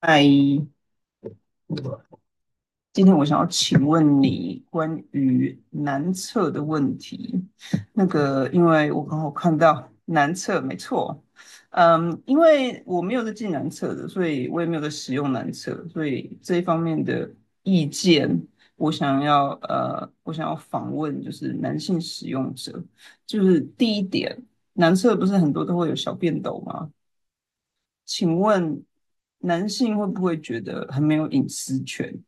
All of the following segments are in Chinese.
嗨，今天我想要请问你关于男厕的问题。那个，因为我刚好看到男厕，没错。嗯，因为我没有在进男厕的，所以我也没有在使用男厕，所以这一方面的意见，我想要访问就是男性使用者，就是第一点，男厕不是很多都会有小便斗吗？请问男性会不会觉得很没有隐私权？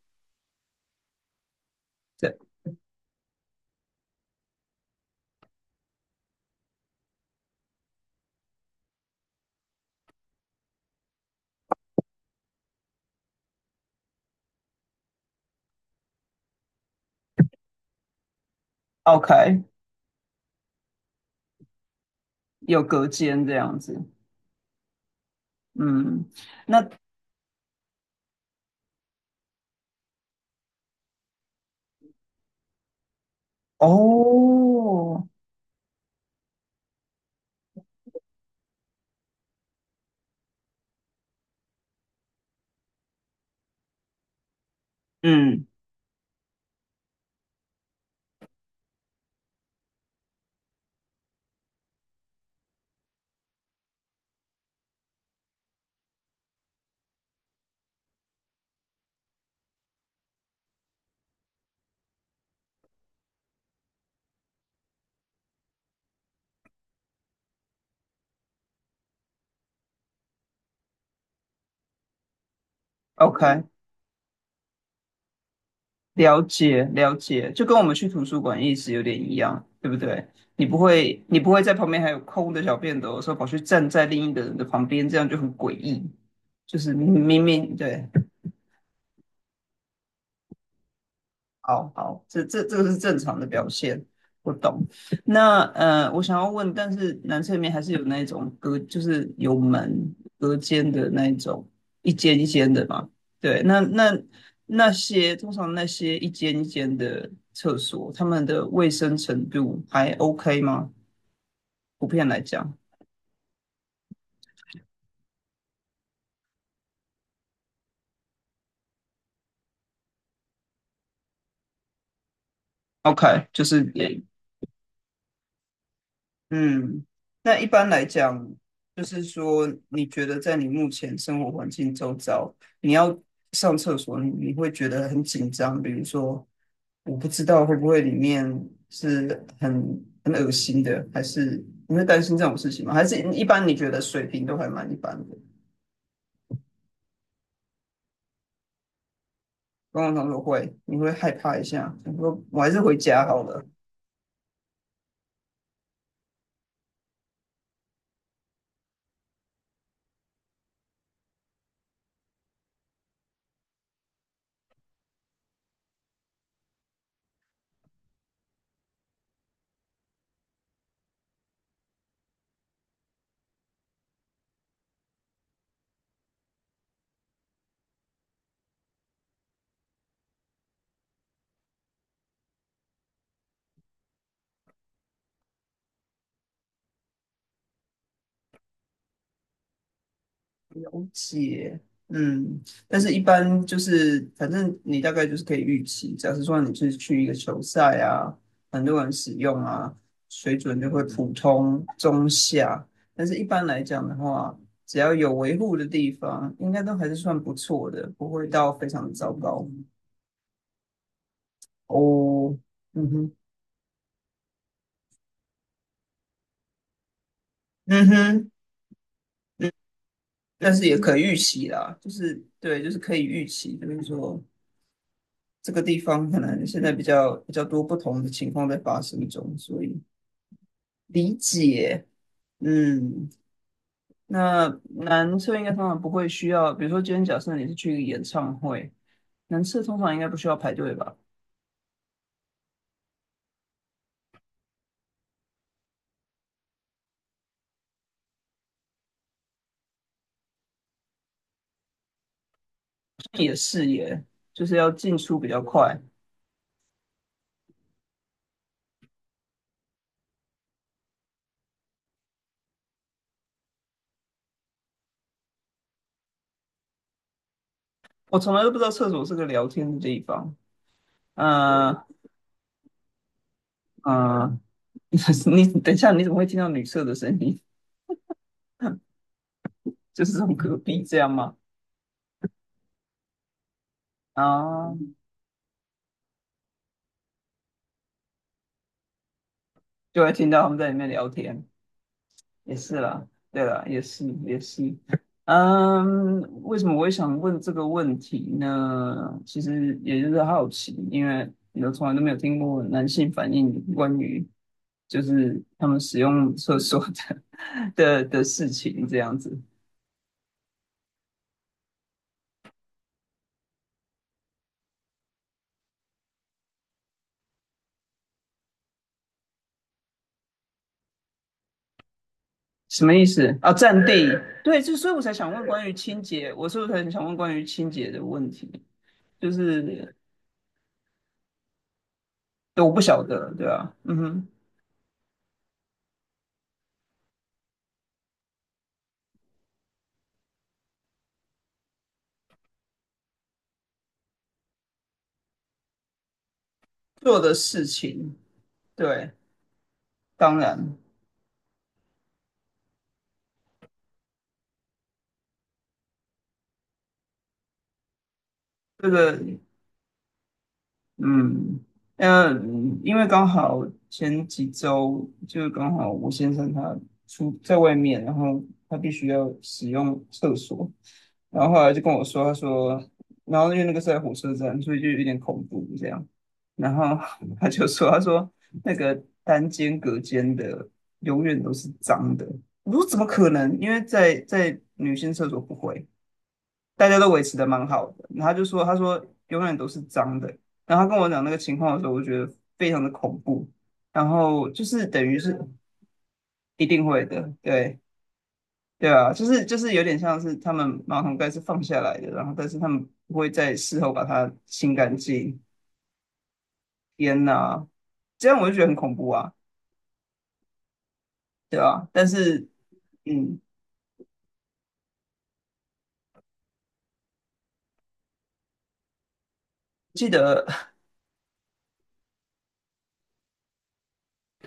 OK，有隔间这样子。嗯，那哦，嗯，OK，了解了解，就跟我们去图书馆意思有点一样，对不对？你不会在旁边还有空的小便斗的时候跑去站在另一个人的旁边，这样就很诡异，就是明明对。好好，这个是正常的表现，我懂。那我想要问，但是男厕里面还是有那种隔，就是有门隔间的那一种，一间一间的嘛。对，那些通常那些一间一间的厕所，他们的卫生程度还 OK 吗？普遍来讲，OK，就是也嗯，那一般来讲，就是说，你觉得在你目前生活环境周遭，你要上厕所，你会觉得很紧张。比如说，我不知道会不会里面是很恶心的，还是你会担心这种事情吗？还是一般你觉得水平都还蛮一般的？刚刚他说会，你会害怕一下，你说我还是回家好了。解，嗯，但是一般就是，反正你大概就是可以预期，假设说你是去一个球赛啊，很多人使用啊，水准就会普通中下，但是一般来讲的话，只要有维护的地方，应该都还是算不错的，不会到非常糟糕。哦，嗯哼，嗯哼，嗯，但是也可以预期啦，就是对，就是可以预期，就是说。这个地方可能现在比较多不同的情况在发生中，所以理解。嗯，那男厕应该通常不会需要，比如说今天假设你是去一个演唱会，男厕通常应该不需要排队吧？也是耶，就是要进出比较快。我从来都不知道厕所是个聊天的地方。嗯、嗯、你等一下，你怎么会听到女厕的声音？就是从隔壁这样吗？啊，就会听到他们在里面聊天。也是啦，对啦，也是也是。嗯，为什么我会想问这个问题呢？其实也就是好奇，因为你都从来都没有听过男性反映关于就是他们使用厕所的 的事情这样子。什么意思啊？占地，对，就所以我才想问关于清洁，我是不是很想问关于清洁的问题？就是我不晓得，对啊，嗯哼，做的事情，对，当然。这个，嗯，呃，因为刚好前几周就是刚好我先生他出在外面，然后他必须要使用厕所，然后后来就跟我说，他说，然后因为那个是在火车站，所以就有点恐怖这样，然后 他就说，他说那个单间隔间的永远都是脏的，我说怎么可能？因为在女性厕所不会。大家都维持的蛮好的。然后他就说，他说永远都是脏的。然后他跟我讲那个情况的时候，我觉得非常的恐怖。然后就是等于是一定会的，对。对啊，就是就是有点像是他们马桶盖是放下来的，然后但是他们不会在事后把它清干净。天呐，这样我就觉得很恐怖啊。对啊，但是嗯，记得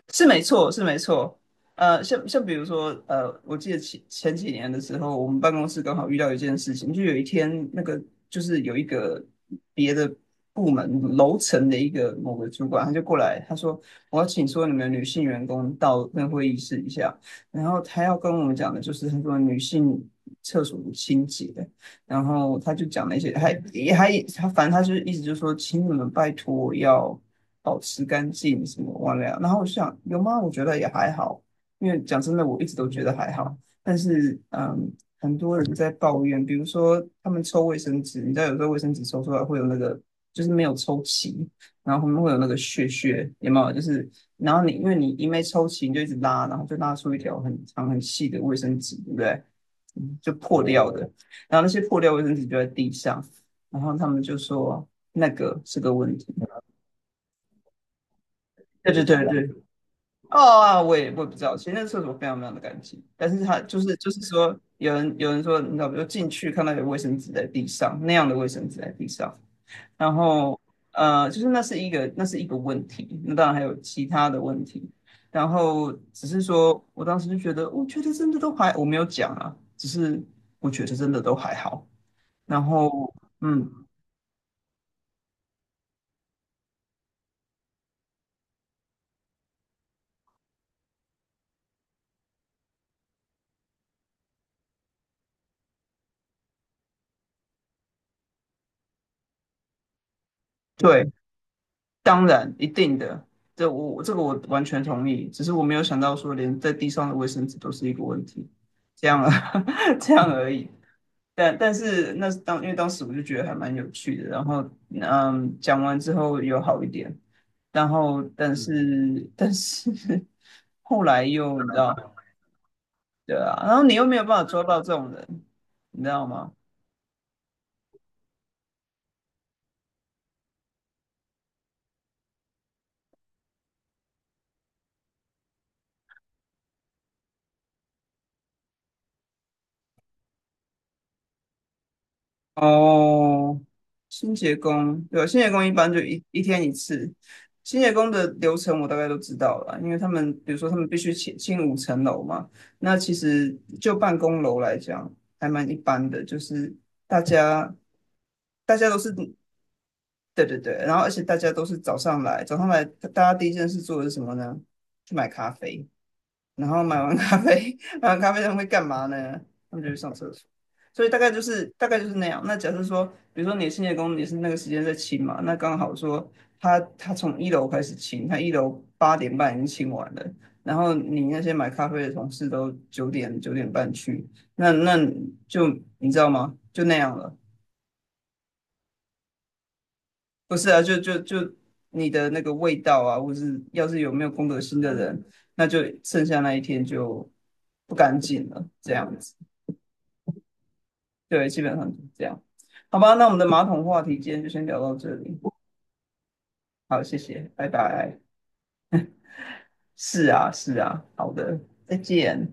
是没错，是没错。像比如说，我记得前几年的时候，我们办公室刚好遇到一件事情，就有一天那个就是有一个别的部门楼层的一个某个主管，他就过来，他说我要请所有你们女性员工到那会议室一下，然后他要跟我们讲的就是他说女性厕所清洁，然后他就讲了一些，还也还他反正他就意思就是说，请你们拜托要保持干净什么忘了？然后我就想，有吗？我觉得也还好，因为讲真的，我一直都觉得还好。但是，嗯，很多人在抱怨，比如说他们抽卫生纸，你知道有时候卫生纸抽出来会有那个，就是没有抽齐，然后后面会有那个屑屑，有没有？就是然后你因为你一没抽齐，你就一直拉，然后就拉出一条很长很细的卫生纸，对不对？嗯就破掉的。然后那些破掉卫生纸就在地上，然后他们就说那个是个问题。对对对对。哦啊，我也不知道，其实那个厕所非常非常的干净，但是它就是就是说，有人说，你知道，比如进去看到有卫生纸在地上，那样的卫生纸在地上，然后就是那是一个那是一个问题，那当然还有其他的问题，然后只是说我当时就觉得，我觉得真的都还，我没有讲啊，只是我觉得真的都还好，然后嗯，对。当然，一定的，这我这个我完全同意。只是我没有想到说，连在地上的卫生纸都是一个问题，这样啊，这样而已。但但是那是当因为当时我就觉得还蛮有趣的，然后嗯，讲完之后有好一点，然后但是 后来又你知道，对啊，然后你又没有办法抓到这种人，你知道吗？哦，清洁工，对，清洁工一般就一天一次。清洁工的流程我大概都知道了，因为他们比如说他们必须清5层楼嘛，那其实就办公楼来讲还蛮一般的，就是大家大家都是对对对，然后而且大家都是早上来，早上来大家第一件事做的是什么呢？去买咖啡。然后买完咖啡，买完咖啡他们会干嘛呢？他们就去上厕所。所以大概就是大概就是那样。那假设说，比如说你清洁工你是那个时间在清嘛，那刚好说他从一楼开始清，他一楼8点半已经清完了，然后你那些买咖啡的同事都九点9点半去，那就你知道吗？就那样了。不是啊，就你的那个味道啊，或是要是有没有公德心的人，那就剩下那一天就不干净了，这样子。对，基本上就是这样。好吧，那我们的马桶话题今天就先聊到这里。好，谢谢，拜拜。是啊，是啊，好的，再见。